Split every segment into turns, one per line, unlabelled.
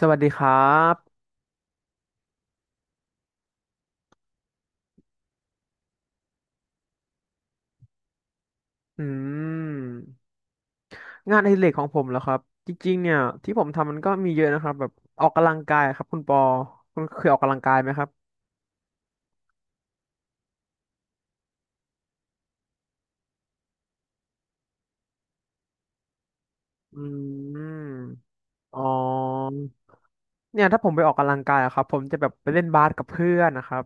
สวัสดีครับอืม งานอดิเรกของผมเหรอครับจริงๆเนี่ยที่ผมทำมันก็มีเยอะนะครับแบบออกกำลังกายครับคุณปอคุณเคยออกกำลังกายไหมครับอืมอ๋อเนี่ยถ้าผมไปออกกำลังกายอะครับผมจะแบบไปเล่นบาสกับเพื่อนนะครับ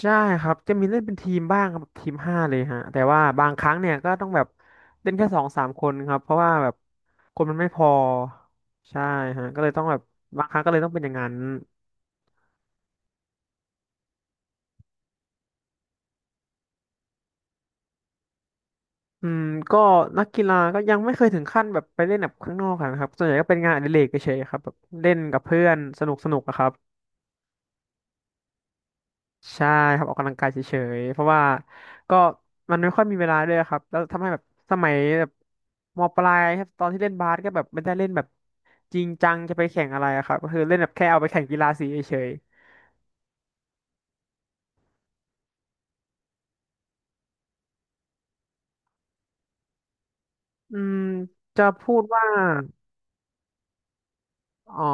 ใช่ครับจะมีเล่นเป็นทีมบ้างครับทีมห้าเลยฮะแต่ว่าบางครั้งเนี่ยก็ต้องแบบเล่นแค่สองสามคนครับเพราะว่าแบบคนมันไม่พอ ใช่ฮะก็เลยต้องแบบบางครั้งก็เลยต้องเป็นอย่างนั้น อืมก็นักกีฬาก็ยังไม่เคยถึงขั้นแบบไปเล่นแบบข้างนอกอะนะครับส่วนใหญ่ก็เป็นงานอดิเรกเฉยๆครับแบบเล่นกับเพื่อนสนุกสนุกอะครับใช่ครับออกกำลังกายเฉยๆเพราะว่าก็มันไม่ค่อยมีเวลาด้วยครับแล้วทำให้แบบสมัยแบบมปลายครับตอนที่เล่นบาสก็แบบไม่ได้เล่นแบบจริงจังจะไปแข่งอะไรอะครับก็คือเล่นแบบแค่เอาไปแข่งกีฬาสีเฉยๆอืมจะพูดว่าอ๋อ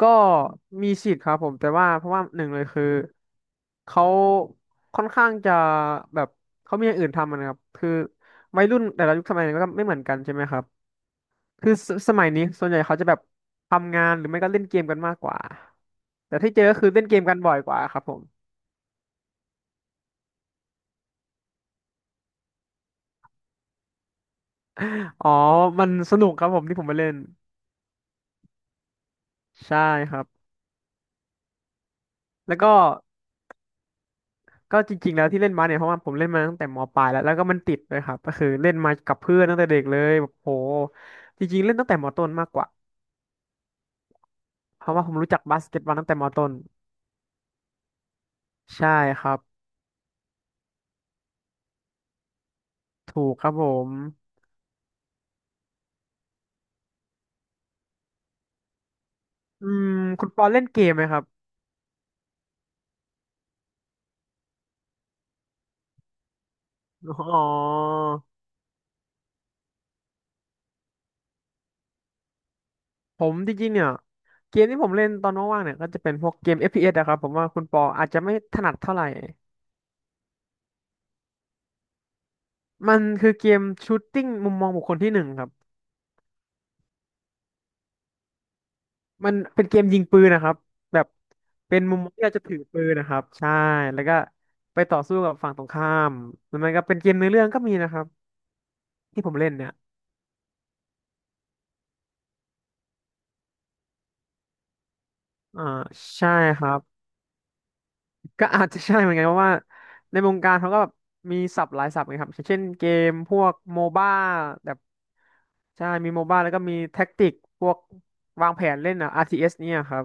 ก็มีสิทธิ์ครับผมแต่ว่าเพราะว่าหนึ่งเลยคือเขาค่อนข้างจะแบบเขามีอย่างอื่นทำอะนะครับคือวัยรุ่นแต่ละยุคสมัยเนี่ยก็ไม่เหมือนกันใช่ไหมครับคือสสมัยนี้ส่วนใหญ่เขาจะแบบทำงานหรือไม่ก็เล่นเกมกันมากกว่าแต่ที่เจอก็คือเล่นเกมกันบ่อยกว่าครับผม อ๋อมันสนุกครับผมที่ผมไปเล่นใช่ครับแล้วก็ ก็จริงๆแล้วที่เล่นมาเนี่ยเพราะว่าผมเล่นมาตั้งแต่มปลายแล้วแล้วก็มันติดเลยครับก็คือเล่นมากับเพื่อนตั้งแต่เด็กเลยแบบโหจริงๆเล่นตั้งแต่มต้นมากกว่าเพราะว่าผมรู้จักบาสเกตบอลตั้งแต่มต้นใช่ครับถูกครับผมอืมคุณปอเล่นเกมไหมครับอ๋อผมจริงๆเนี่ยเกมที่ผมเล่นตอนว่างๆเนี่ยก็จะเป็นพวกเกม FPS นะครับผมว่าคุณปออาจจะไม่ถนัดเท่าไหร่มันคือเกมชูตติ้งมุมมองบุคคลที่หนึ่งครับ มันเป็นเกมยิงปืนนะครับแบบเป็นมุมมองที่เราจะถือปืนนะครับใช่แล้วก็ไปต่อสู้กับฝั่งตรงข้ามแล้วมันก็เป็นเกมเนื้อเรื่องก็มีนะครับที่ผมเล่นเนี่ยอ่าใช่ครับก็อาจจะใช่เหมือนกันเพราะว่าในวงการเขาก็แบบมีศัพท์หลายศัพท์ไงครับเช่นเกมพวกโมบ้าแบบใช่มีโมบ้าแล้วก็มีแท็กติกพวกวางแผนเล่นอ่ะ RTS เอสเนี่ยครับ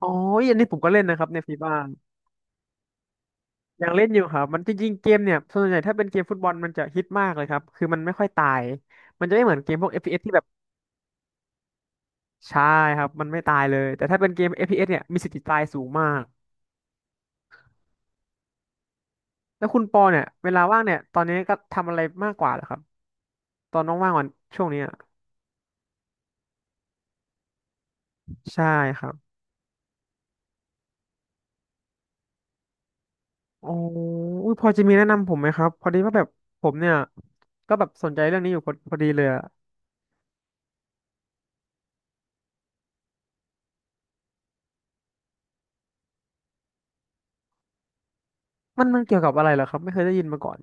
อ๋ออันนี้ผมก็เล่นนะครับในฟีบ้า ยังเล่นอยู่ครับมันจริงๆเกมเนี่ยส่วนใหญ่ถ้าเป็นเกมฟุตบอลมันจะฮิตมากเลยครับคือมันไม่ค่อยตายมันจะไม่เหมือนเกมพวก FPS ที่แบบใช่ครับมันไม่ตายเลยแต่ถ้าเป็นเกม FPS เอสเนี่ยมีสิทธิ์ตายสูงมากแล้วคุณปอเนี่ยเวลาว่างเนี่ยตอนนี้ก็ทำอะไรมากกว่าเหรอครับตอนน้องว่างวันช่วงนี้อะใช่ครับโอ้อุ๊ยพอจะมีแนะนำผมไหมครับพอดีว่าแบบผมเนี่ยก็แบบสนใจเรื่องนี้อยู่พอพอดีเลยอะมันมันเกี่ยวกับอะไรเหรอครับไม่เคยได้ยินมาก่อน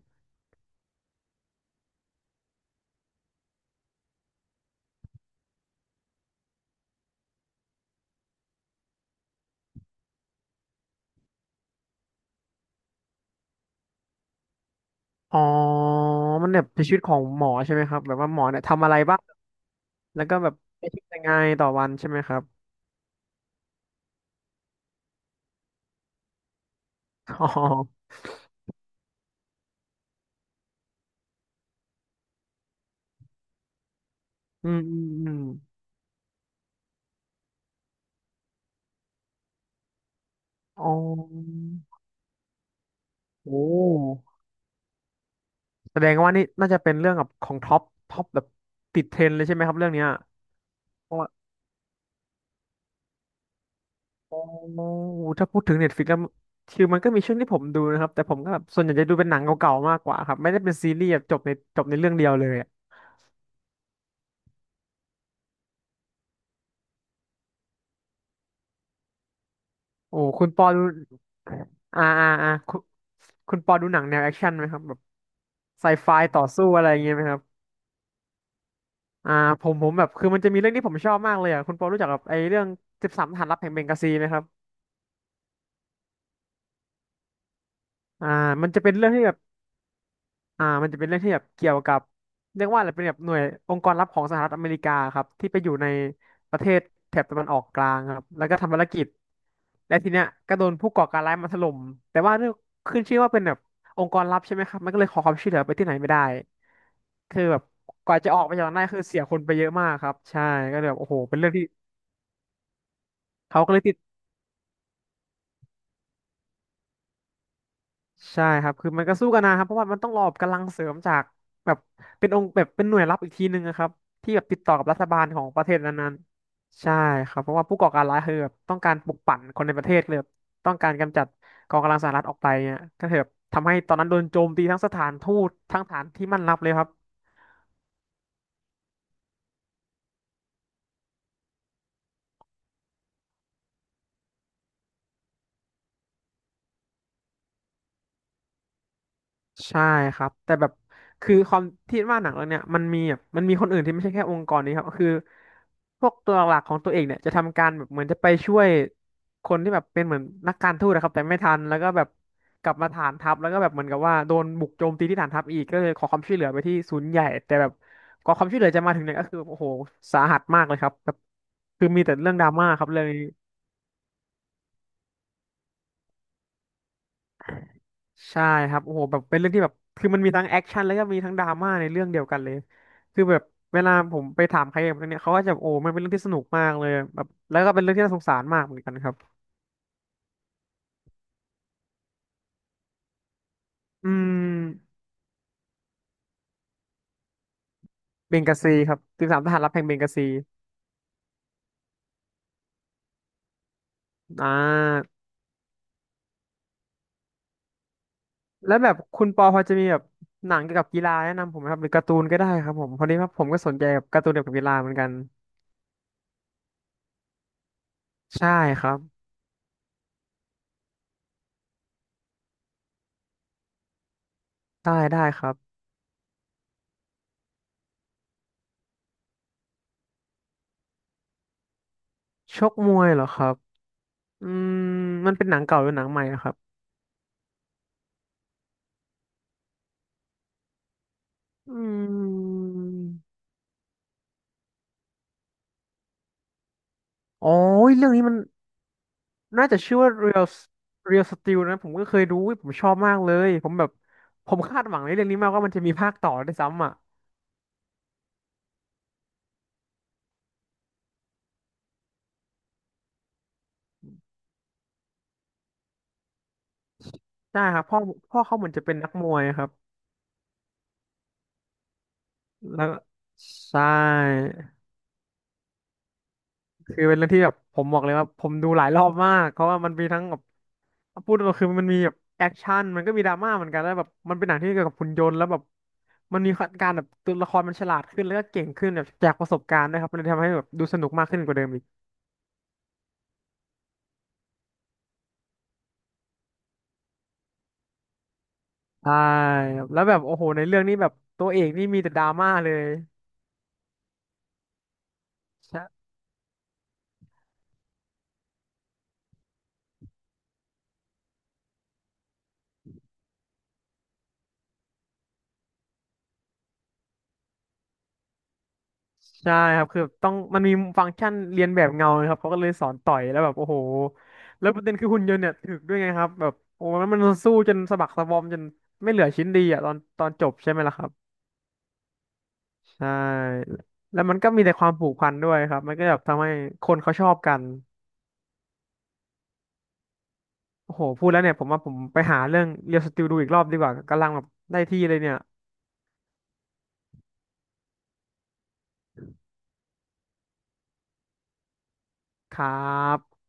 อ๋อมันแบบเป็นชีวิตของหมอใช่ไหมครับแบบว่าหมอเนี่ยทำอะไรบ้าง แล้วก็แบบใช้ชีวิตยังไงต่อวันใช่ไหมครับอ๋ออืมอืมอืมอ๋อโอ้แสดงว่านี่น่าจะเป็นเรื่องกับของท็อปท็อปแบบติดเทรนด์เลยใช่ไหมครับเรื่องเนี้ยเพราะว่าโอถ้าพูดถึงเน็ตฟิกแล้วคือมันก็มีช่วงที่ผมดูนะครับแต่ผมก็แบบส่วนใหญ่จะดูเป็นหนังเก่าๆมากกว่าครับไม่ได้เป็นซีรีส์แบบจบในเรื่องเดียวเลยอะโอ้คุณปอดูอ่าอ่าอ่าคุณคุณปอดูหนังแนวแอคชั่นไหมครับแบบไซไฟต่อสู้อะไรอย่างเงี้ยไหมครับ อ่าผมแบบคือมันจะมีเรื่องที่ผมชอบมากเลยอ่ะคุณปอรู้จักกับไอ้เรื่อง13 ทหารลับแห่งเบงกาซีไหมครับอ่ามันจะเป็นเรื่องที่แบบอ่ามันจะเป็นเรื่องที่แบบเกี่ยวกับเรียกว่าอะไรเป็นแบบหน่วยองค์กรลับของสหรัฐอเมริกาครับที่ไปอยู่ในประเทศแถบตะวันออกกลางครับแล้วก็ทำภารกิจและทีเนี้ยก็โดนผู้ก่อการร้ายมาถล่มแต่ว่าเรื่องขึ้นชื่อว่าเป็นแบบองค์กรลับใช่ไหมครับมันก็เลยขอความช่วยเหลือไปที่ไหนไม่ได้คือแบบกว่าจะออกไปจากนั้นได้คือเสียคนไปเยอะมากครับใช่ก็เลยแบบโอ้โหเป็นเรื่องที่เขาก็เลยติด ใช่ครับคือมันก็สู้กันนะครับเพราะว่ามันต้องรอกำลังเสริมจากแบบเป็นองค์แบบเป็นหน่วยลับอีกทีนึงนะครับที่แบบติดต่อกับรัฐบาลของประเทศนั้นๆใช่ครับเพราะว่าผู้ก่อการร้ายคือแบบต้องการปลุกปั่นคนในประเทศเลยแบบต้องการกำจัดกองกำลังสหรัฐออกไปเนี่ยก็คือแบบทำให้ตอนนั้นโดนโจมตีทั้งสถานทูตทั้งฐานที่มั่นรับเลยครับ ใช่ครับแต่แบบคือความที่ว่าหนังเรื่องเนี้ยมันมีแบบมันมีคนอื่นที่ไม่ใช่แค่องค์กรนี้ครับคือพวกตัวหลักของตัวเองเนี่ยจะทำการแบบเหมือนจะไปช่วยคนที่แบบเป็นเหมือนนักการทูตนะครับแต่ไม่ทันแล้วก็แบบกลับมาฐานทัพแล้วก็แบบเหมือนกับว่าโดนบุกโจมตีที่ฐานทัพอีกก็เลยขอความช่วยเหลือไปที่ศูนย์ใหญ่แต่แบบกว่าความช่วยเหลือจะมาถึงเนี่ยก็คือโอ้โหสาหัสมากเลยครับแบบคือมีแต่เรื่องดราม่าครับเลย ใช่ครับโอ้โหแบบเป็นเรื่องที่แบบคือมันมีทั้งแอคชั่นแล้วก็มีทั้งดราม่าในเรื่องเดียวกันเลยคือแบบเวลาผมไปถามใครแบบเรื่องเนี้ยเขาก็จะโอ้มันเป็นเรื่องที่สนุกมากเลยแบบแล้วก็เป็นเรื่องที่น่าสงสารมากเหมือนกันครับอืมเบงกาซีครับ13 ทหารรับแห่งเบงกาซีอ่าแล้วแบบคุณปอพอจะมีแบบหนังเกี่ยวกับกีฬาแนะนำผมไหมครับหรือการ์ตูนก็ได้ครับผมพอดีว่าผมก็สนใจกับการ์ตูนเกี่ยวกับกีฬาเหมือนกันใช่ครับได้ครับชกมวยเหรอครับอืมมันเป็นหนังเก่าหรือหนังใหม่นะครับ อืมโอ๋อเรื่องนี้มันน่าจะชื่อว่า Real Steel นะผมก็เคยดูอุ๊ยผมชอบมากเลยผมแบบผมคาดหวังในเรื่องนี้มากว่ามันจะมีภาคต่อด้วยซ้ำอ่ะใช่ครับพ่อเขาเหมือนจะเป็นนักมวยครับแล้วใช่คือเป็นเรื่องที่แบบผมบอกเลยว่าผมดูหลายรอบมากเพราะว่ามันมีทั้งแบบ พูดตรงๆคือมันมีแบบแอคชั่นมันก็มีดราม่าเหมือนกันแล้วแบบมันเป็นหนังที่เกี่ยวกับหุ่นยนต์แล้วแบบมันมีการแบบตัวละครมันฉลาดขึ้นแล้วก็เก่งขึ้นแบบจากประสบการณ์นะครับมันเลยทำให้แบบดูสนุกมากขึ้นกว่าเดิมอีกใช่ครับแล้วแบบโอ้โหในเรื่องนี้แบบตัวเอกนี่มีแต่ดราม่าเลยใช่ใช่ครับคือต้องมันมีฟังก์ชันเรียนแบบเงานะครับเขาก็เลยสอนต่อยแล้วแบบโอ้โหแล้วประเด็นคือหุ่นยนต์เนี่ยถึกด้วยไงครับแบบโอ้โหมันมันสู้จนสะบักสะบอมจนไม่เหลือชิ้นดีอ่ะตอนจบใช่ไหมล่ะครับ ใช่ แล้วมันก็มีแต่ความผูกพันด้วยครับ มันก็แบบทำให้คนเขาชอบกันโอ้โหพูดแล้วเนี่ยผมว่าผมไปหาเรื่องเรียลสติลดูอีกรอบดีกว่ากำลังแบบได้ที่เลยเนี่ย ครับ